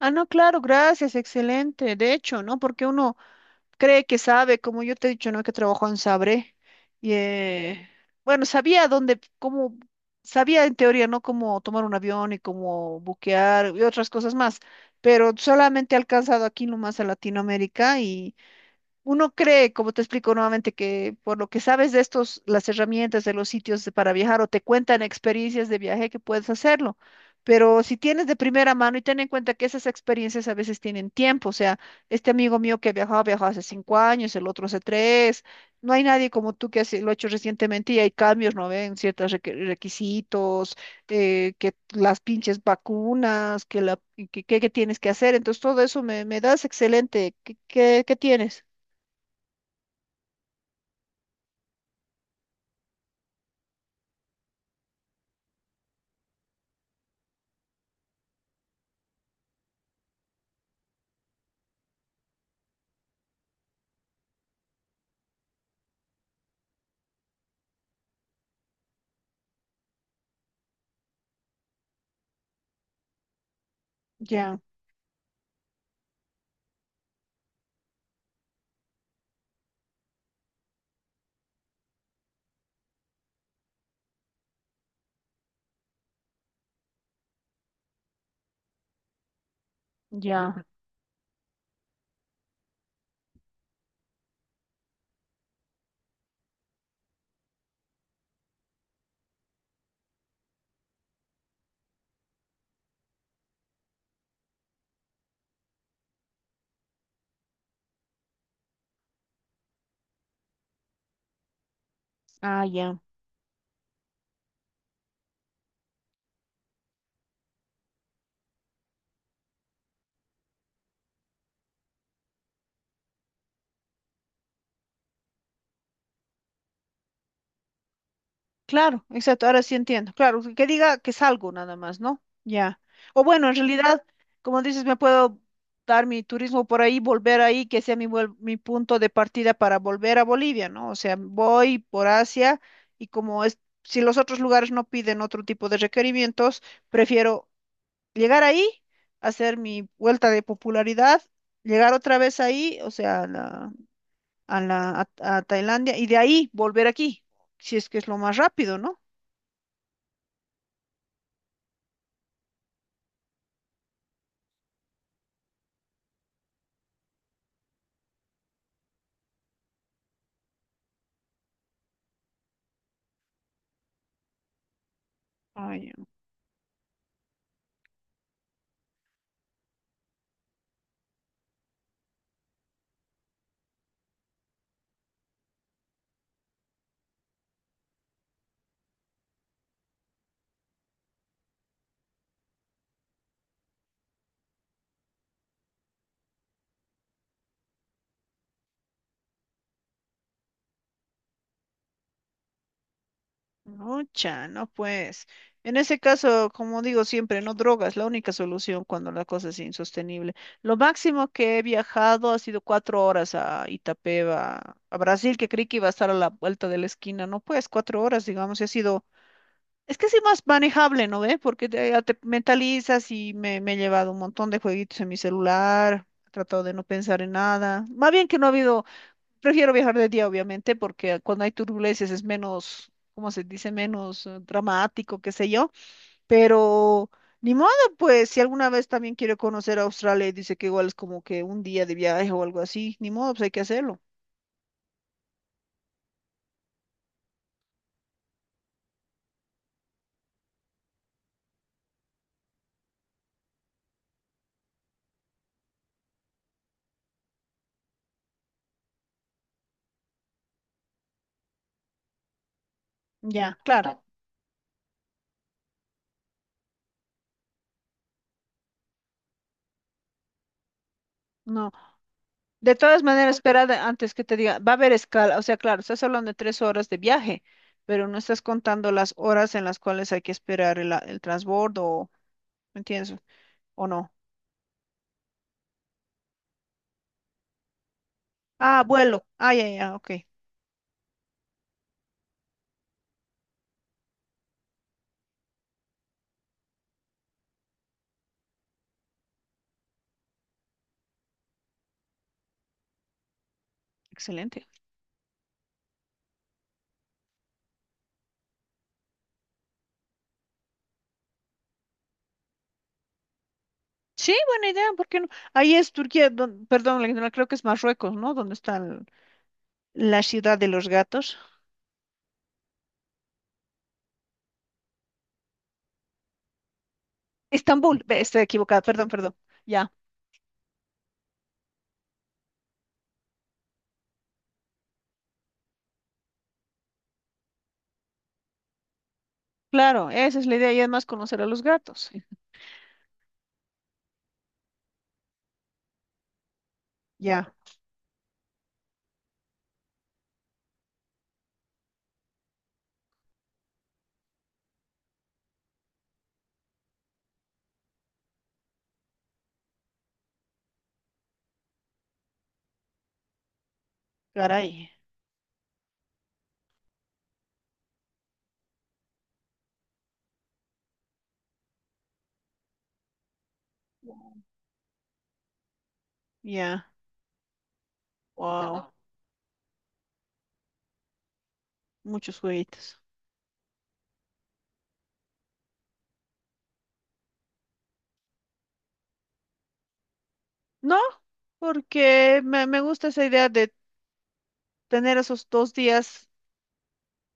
Ah, no, claro, gracias, excelente. De hecho, ¿no? Porque uno cree que sabe, como yo te he dicho, ¿no? Que trabajó en Sabre. Y eh, bueno, sabía dónde, cómo, sabía en teoría, ¿no? Cómo tomar un avión y cómo buquear y otras cosas más. Pero solamente he alcanzado aquí nomás a Latinoamérica. Uno cree, como te explico nuevamente, que por lo que sabes de estos, las herramientas de los sitios para viajar o te cuentan experiencias de viaje que puedes hacerlo. Pero si tienes de primera mano y ten en cuenta que esas experiencias a veces tienen tiempo, o sea, este amigo mío viajó hace 5 años, el otro hace tres. No hay nadie como tú que lo ha hecho recientemente y hay cambios, ¿no ven? Ciertos requisitos, que las pinches vacunas, que tienes que hacer, entonces todo eso me das excelente. Qué tienes? Ya, ya, ah, ya. Claro, exacto, ahora sí entiendo. Claro, que diga que salgo nada más, ¿no? Ya. O bueno, en realidad, como dices, me puedo dar mi turismo por ahí, volver ahí, que sea mi punto de partida para volver a Bolivia, ¿no? O sea, voy por Asia y como es, si los otros lugares no piden otro tipo de requerimientos, prefiero llegar ahí, hacer mi vuelta de popularidad, llegar otra vez ahí, o sea, a Tailandia y de ahí volver aquí, si es que es lo más rápido, ¿no? Ay, no, cha, no pues. En ese caso, como digo siempre, no drogas, la única solución cuando la cosa es insostenible. Lo máximo que he viajado ha sido 4 horas a Itapeva, a Brasil, que creí que iba a estar a la vuelta de la esquina. No, pues 4 horas, digamos, y ha sido. Es que es más manejable, ¿no ve? Porque te, ya te mentalizas y me he llevado un montón de jueguitos en mi celular, he tratado de no pensar en nada. Más bien que no ha habido, prefiero viajar de día, obviamente, porque cuando hay turbulencias es menos, ¿cómo se dice? Menos dramático, qué sé yo. Pero ni modo, pues, si alguna vez también quiere conocer a Australia y dice que igual es como que un día de viaje o algo así, ni modo, pues hay que hacerlo. Ya, claro. No. De todas maneras, espera antes que te diga, va a haber escala, o sea, claro, estás hablando de 3 horas de viaje, pero no estás contando las horas en las cuales hay que esperar el transbordo, o- ¿me entiendes? ¿O no? Ah, vuelo. Ah, ya, ya, ok. Excelente. Sí, buena idea, ¿por qué no? Ahí es Turquía, don- perdón, la ignoré, creo que es Marruecos, ¿no? Donde está la ciudad de los gatos. Estambul, ve, estoy equivocada, perdón, perdón. Ya, claro, esa es la idea y además conocer a los gatos. Ya, caray, ya, wow, muchos juguetes. No, porque me gusta esa idea de tener esos 2 días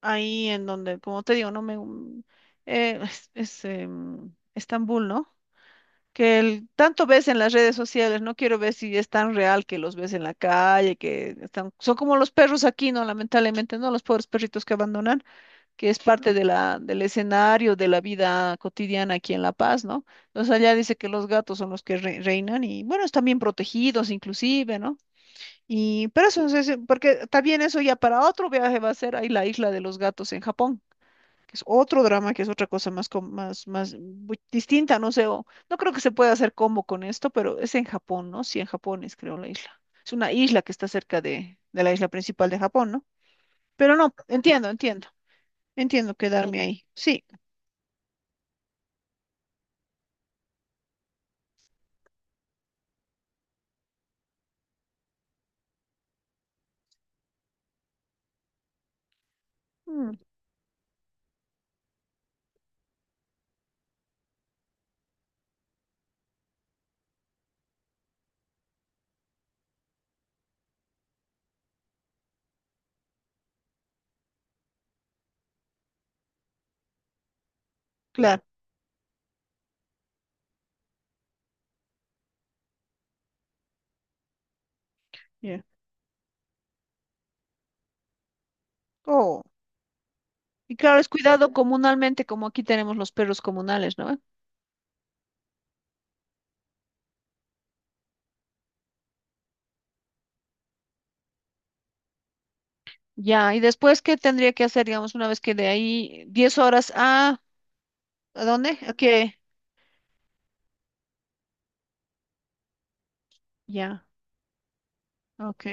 ahí en donde, como te digo, no me Estambul, ¿no? Que tanto ves en las redes sociales, no quiero ver si es tan real que los ves en la calle, que están, son como los perros aquí, ¿no? Lamentablemente, ¿no? Los pobres perritos que abandonan, que es parte de del escenario de la vida cotidiana aquí en La Paz, ¿no? Entonces allá dice que los gatos son los que reinan y bueno, están bien protegidos inclusive, ¿no? Y, pero eso, porque también eso ya para otro viaje va a ser ahí la isla de los gatos en Japón, que es otro drama, que es otra cosa más, más distinta, no sé, o- no creo que se pueda hacer combo con esto, pero es en Japón, ¿no? Sí, en Japón es, creo, la isla. Es una isla que está cerca de la isla principal de Japón, ¿no? Pero no, entiendo, entiendo quedarme ahí. Sí, mm, claro, yeah. Oh, y claro, es cuidado comunalmente, como aquí tenemos los perros comunales, ¿no? Ya, y después, ¿qué tendría que hacer, digamos, una vez que de ahí 10 horas a... ¿A dónde? ¿A qué? Ya, ok,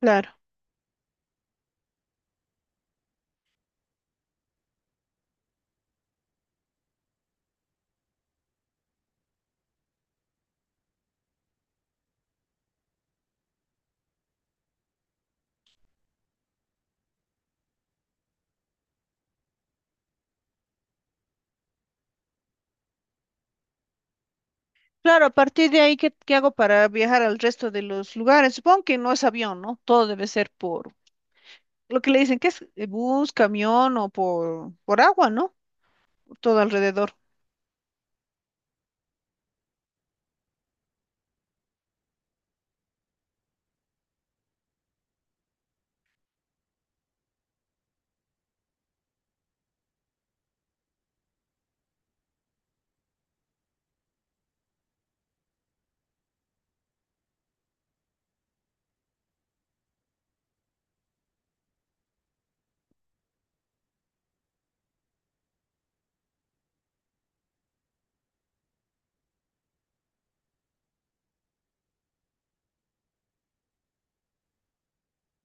claro. Claro, a partir de ahí, qué hago para viajar al resto de los lugares? Supongo que no es avión, ¿no? Todo debe ser por lo que le dicen que es bus, camión o por agua, ¿no? Todo alrededor.